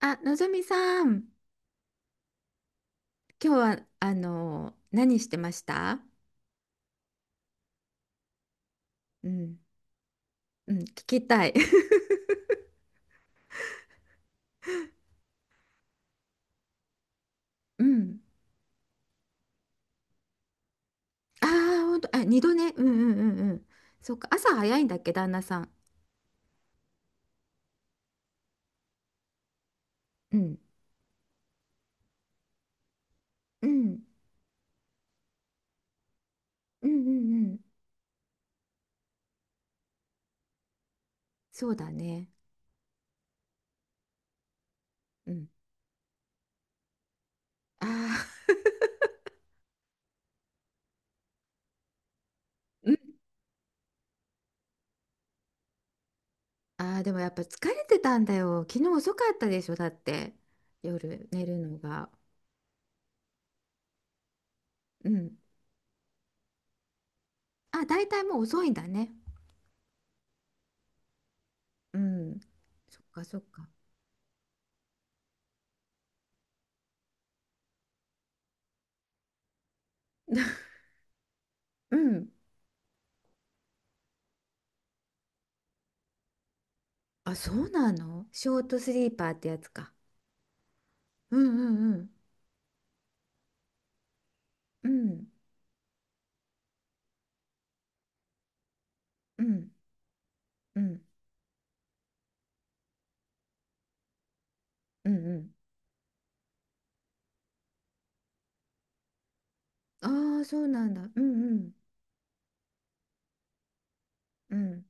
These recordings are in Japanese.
あ、のぞみさん、今日は何してました？うん、うん、聞きたい。うん。ああ、本当、あ、二度寝。うんうんうんうん。そっか、朝早いんだっけ、旦那さん。うん、うん、うんうんうん。そうだね。うん。ああ、うん。ああ、でもやっぱ疲れてたんだよ。昨日遅かったでしょ、だって。夜寝るのが。うん。あ、大体もう遅いんだね。うん。そっかそっか。うん。あ、そうなのショートスリーパーってやつか。うんうんうん。うんうんうんうんうん。ああ、そうなんだ。うんうんうん。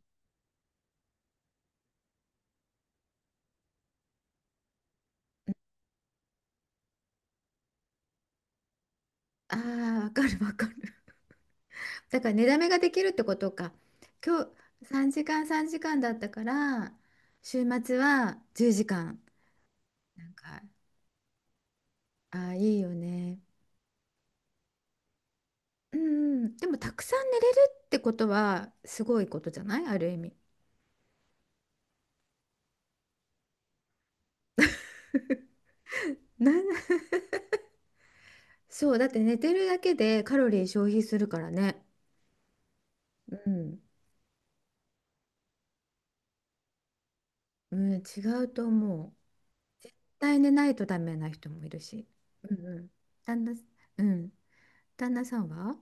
ああ、わかるわかる。だから寝だめができるってことか。今日3時間3時間だったから、週末は10時間。なんか、ああ、いいよね。うんうん。でもたくさん寝れるってことはすごいことじゃないある意味。な そう、だって寝てるだけでカロリー消費するからね。うん、うん、違うと思う。絶対寝ないとダメな人もいるし。うんうん。旦那、うん。旦那さんは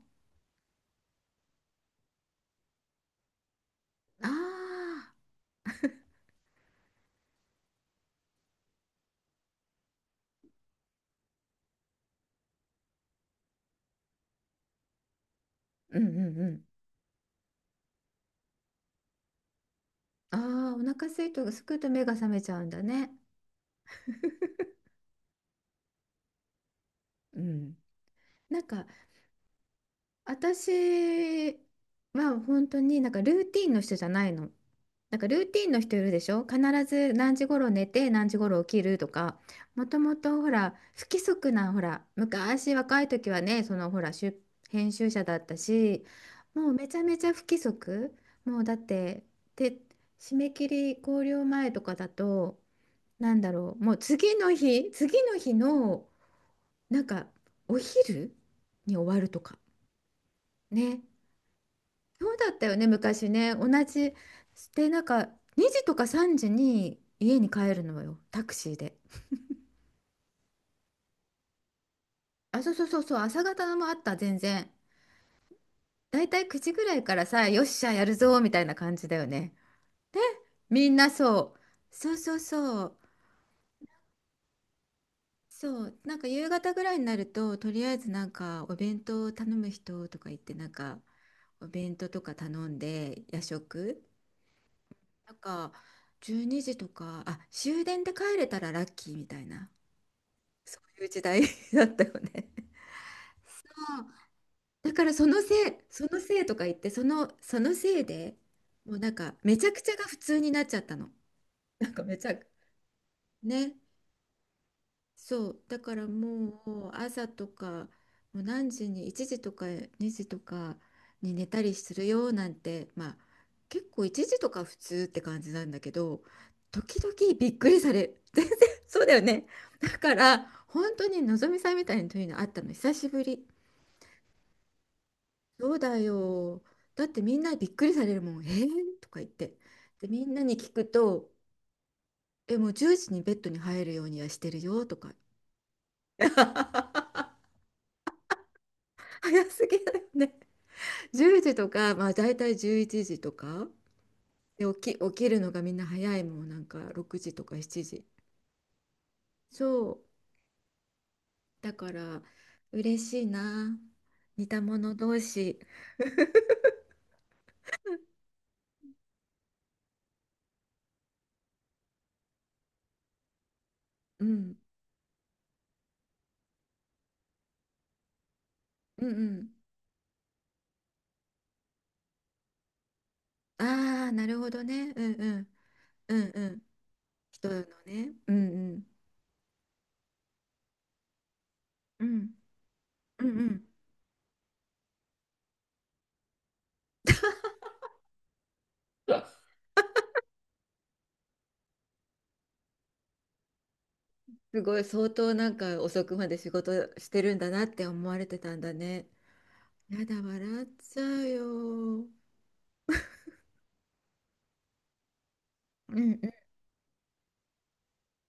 ああうんうんうん。ああ、お腹空いとすくと目が覚めちゃうんだね。うん。なんか、私は本当になんかルーティンの人じゃないの。なんかルーティンの人いるでしょ、必ず何時頃寝て何時頃起きるとか。もともとほら不規則な、ほら昔若い時はね、そのほら編集者だったし、もうめちゃめちゃ不規則。もうだって締め切り考慮前とかだと、なんだろう、もう次の日のなんかお昼に終わるとかね。そうだったよね、昔ね。同じ。で、なんか、2時とか3時に家に帰るのよ、タクシーで。あ、そうそうそうそう、朝方のもあった、全然。だいたい9時ぐらいからさ、よっしゃ、やるぞ、みたいな感じだよね。みんなそう。そうそうそう。そう、なんか夕方ぐらいになると、とりあえずなんか、お弁当を頼む人とか言って、なんか、お弁当とか頼んで、夜食。なんか、12時とか、あ、終電で帰れたらラッキーみたいな。そういう時代 だったよね。そう、だからそのせい、そのせいとか言って、そのせいで、もうなんかめちゃくちゃが普通になっちゃったの。なんかめちゃく、ね。そう。だからもう朝とか、もう何時に、1時とか2時とかに寝たりするよなんて、まあ結構1時とか普通って感じなんだけど、時々びっくりされる。全然そうだよね。だから本当にのぞみさんみたいなというのあったの久しぶり。そうだよ。だってみんなびっくりされるもん。えー、とか言って。で、みんなに聞くと、え、もう10時にベッドに入るようにはしてるよとか。早すぎだよね。10時とか、まあ大体11時とか。で、起きるのがみんな早いもん。なんか6時とか7時。そう。だから、嬉しいな。似た者同士。うん。うんうん。ああ、なるほどね。うんうん。うんうん。人のね。うんうん。うん、うんうん、すごい相当なんか遅くまで仕事してるんだなって思われてたんだね。やだ笑っちゃうよ。うんうん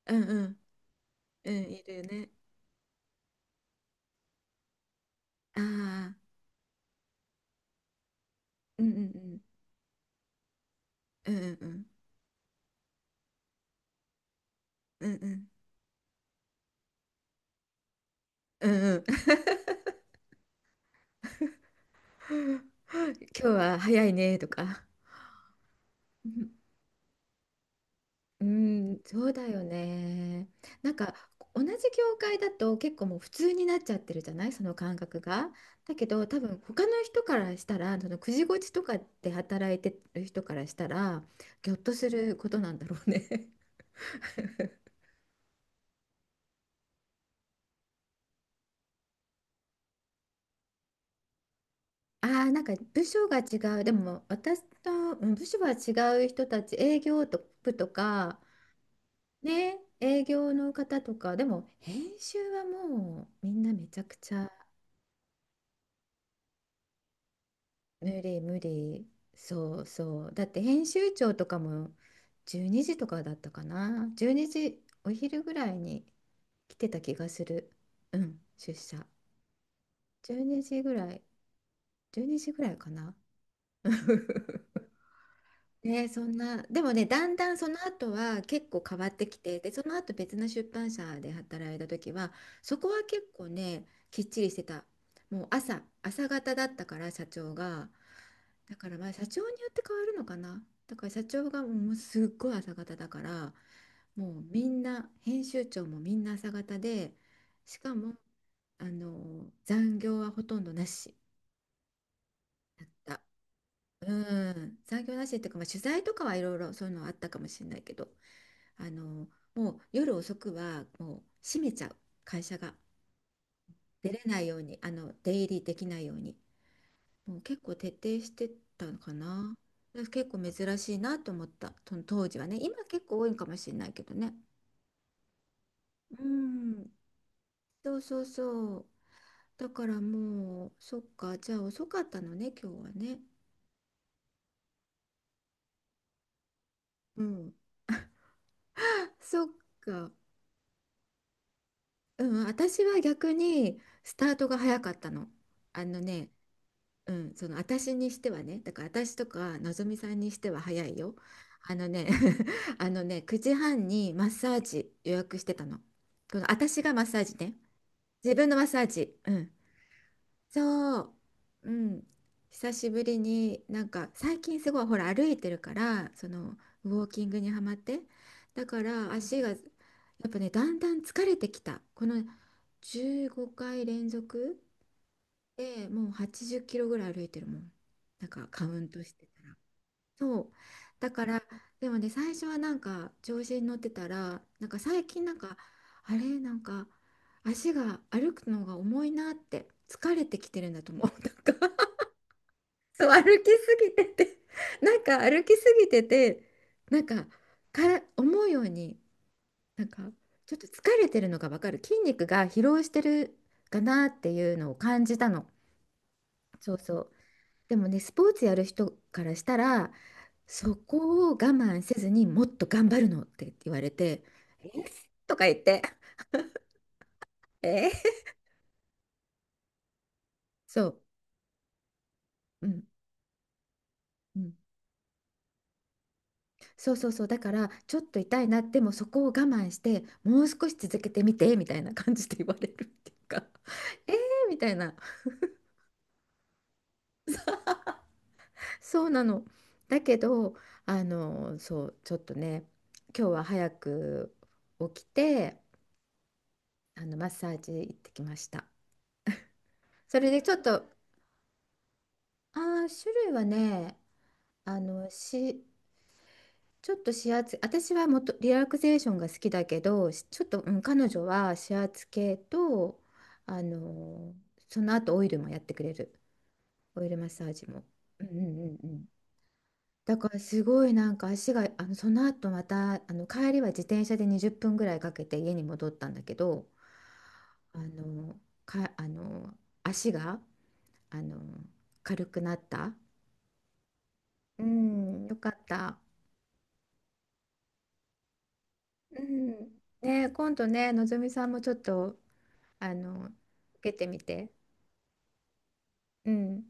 うんうんうん、いるよね。ああ、うんうんうんうんうんうんうんうんうんうん 今日は早いねとか。うん、そうだよね。なんか同じ業界だと結構もう普通になっちゃってるじゃない、その感覚が。だけど多分他の人からしたら、そのくじごちとかで働いてる人からしたら、ぎょっとすることなんだろうね。ああ、なんか部署が違う、でも私と、うん、部署は違う人たち、営業と部とかね、営業の方とかでも編集はもうみんなめちゃくちゃ。無理無理、そうそう、だって編集長とかも12時とかだったかな、12時、お昼ぐらいに来てた気がする。うん、出社12時ぐらい、12時ぐらいかな。 ね、そんなでもね、だんだんその後は結構変わってきて、でその後別の出版社で働いた時は、そこは結構ね、きっちりしてた。もう朝方だったから、社長が。だからまあ社長によって変わるのかな。だから社長がもうすっごい朝方だから、もうみんな、編集長もみんな朝方で、しかも、残業はほとんどなしだ。うん、残業なしっていうか、まあ、取材とかはいろいろそういうのはあったかもしれないけど、あの、もう夜遅くはもう閉めちゃう、会社が。出れないように、出入りできないように。もう結構徹底してたのかな。だから結構珍しいなと思った。その当時はね。今結構多いかもしれないけどね。うん。そうそうそう。だからもう、そっか。じゃあ遅かったのね、今日はね。うん。そっか。うん。私は逆にスタートが早かったの。あのね、うん、その私にしてはね、だから私とかのぞみさんにしては早いよ。あのね、あのね、9時半にマッサージ予約してたの。この私がマッサージね。自分のマッサージ。うん。そう。うん。久しぶりに、なんか最近すごいほら歩いてるから、そのウォーキングにはまって、だから足がやっぱね、だんだん疲れてきた、この15回連続で、もう80キロぐらい歩いてるもん。なんかカウントしてたら。そう。だから、でもね、最初はなんか調子に乗ってたら、なんか最近なんか、あれ、なんか足が歩くのが重いなって、疲れてきてるんだと思う。なんか そう、歩きすぎてて、なんか歩きすぎてて、なんか、から思うように、なんか、ちょっと疲れてるのがわかる。筋肉が疲労してるかなっていうのを感じたの。そうそう。でもね、スポーツやる人からしたら、そこを我慢せずにもっと頑張るのって言われて、えとか言って、えそう、うん、うん、そうそうそう、だからちょっと痛いな、でもそこを我慢して、もう少し続けてみてみたいな感じで言われるっていうか、えー、みたいな、そうなの。だけど、そう、ちょっとね、今日は早く起きて、マッサージ行ってきました。それでちょっと、ああ、種類はね、あの、し、ちょっと指圧、私はもっとリラクゼーションが好きだけど、ちょっと、うん、彼女は指圧系と、あの、その後オイルもやってくれる。オイルマッサージも。うんうんうんうん。だからすごいなんか足が、その後また、帰りは自転車で20分ぐらいかけて家に戻ったんだけど、あの、か、あの、足が、あの、軽くなった。うん、よかった。うん。ね、今度ね、のぞみさんもちょっと、あの、受けてみて。うん。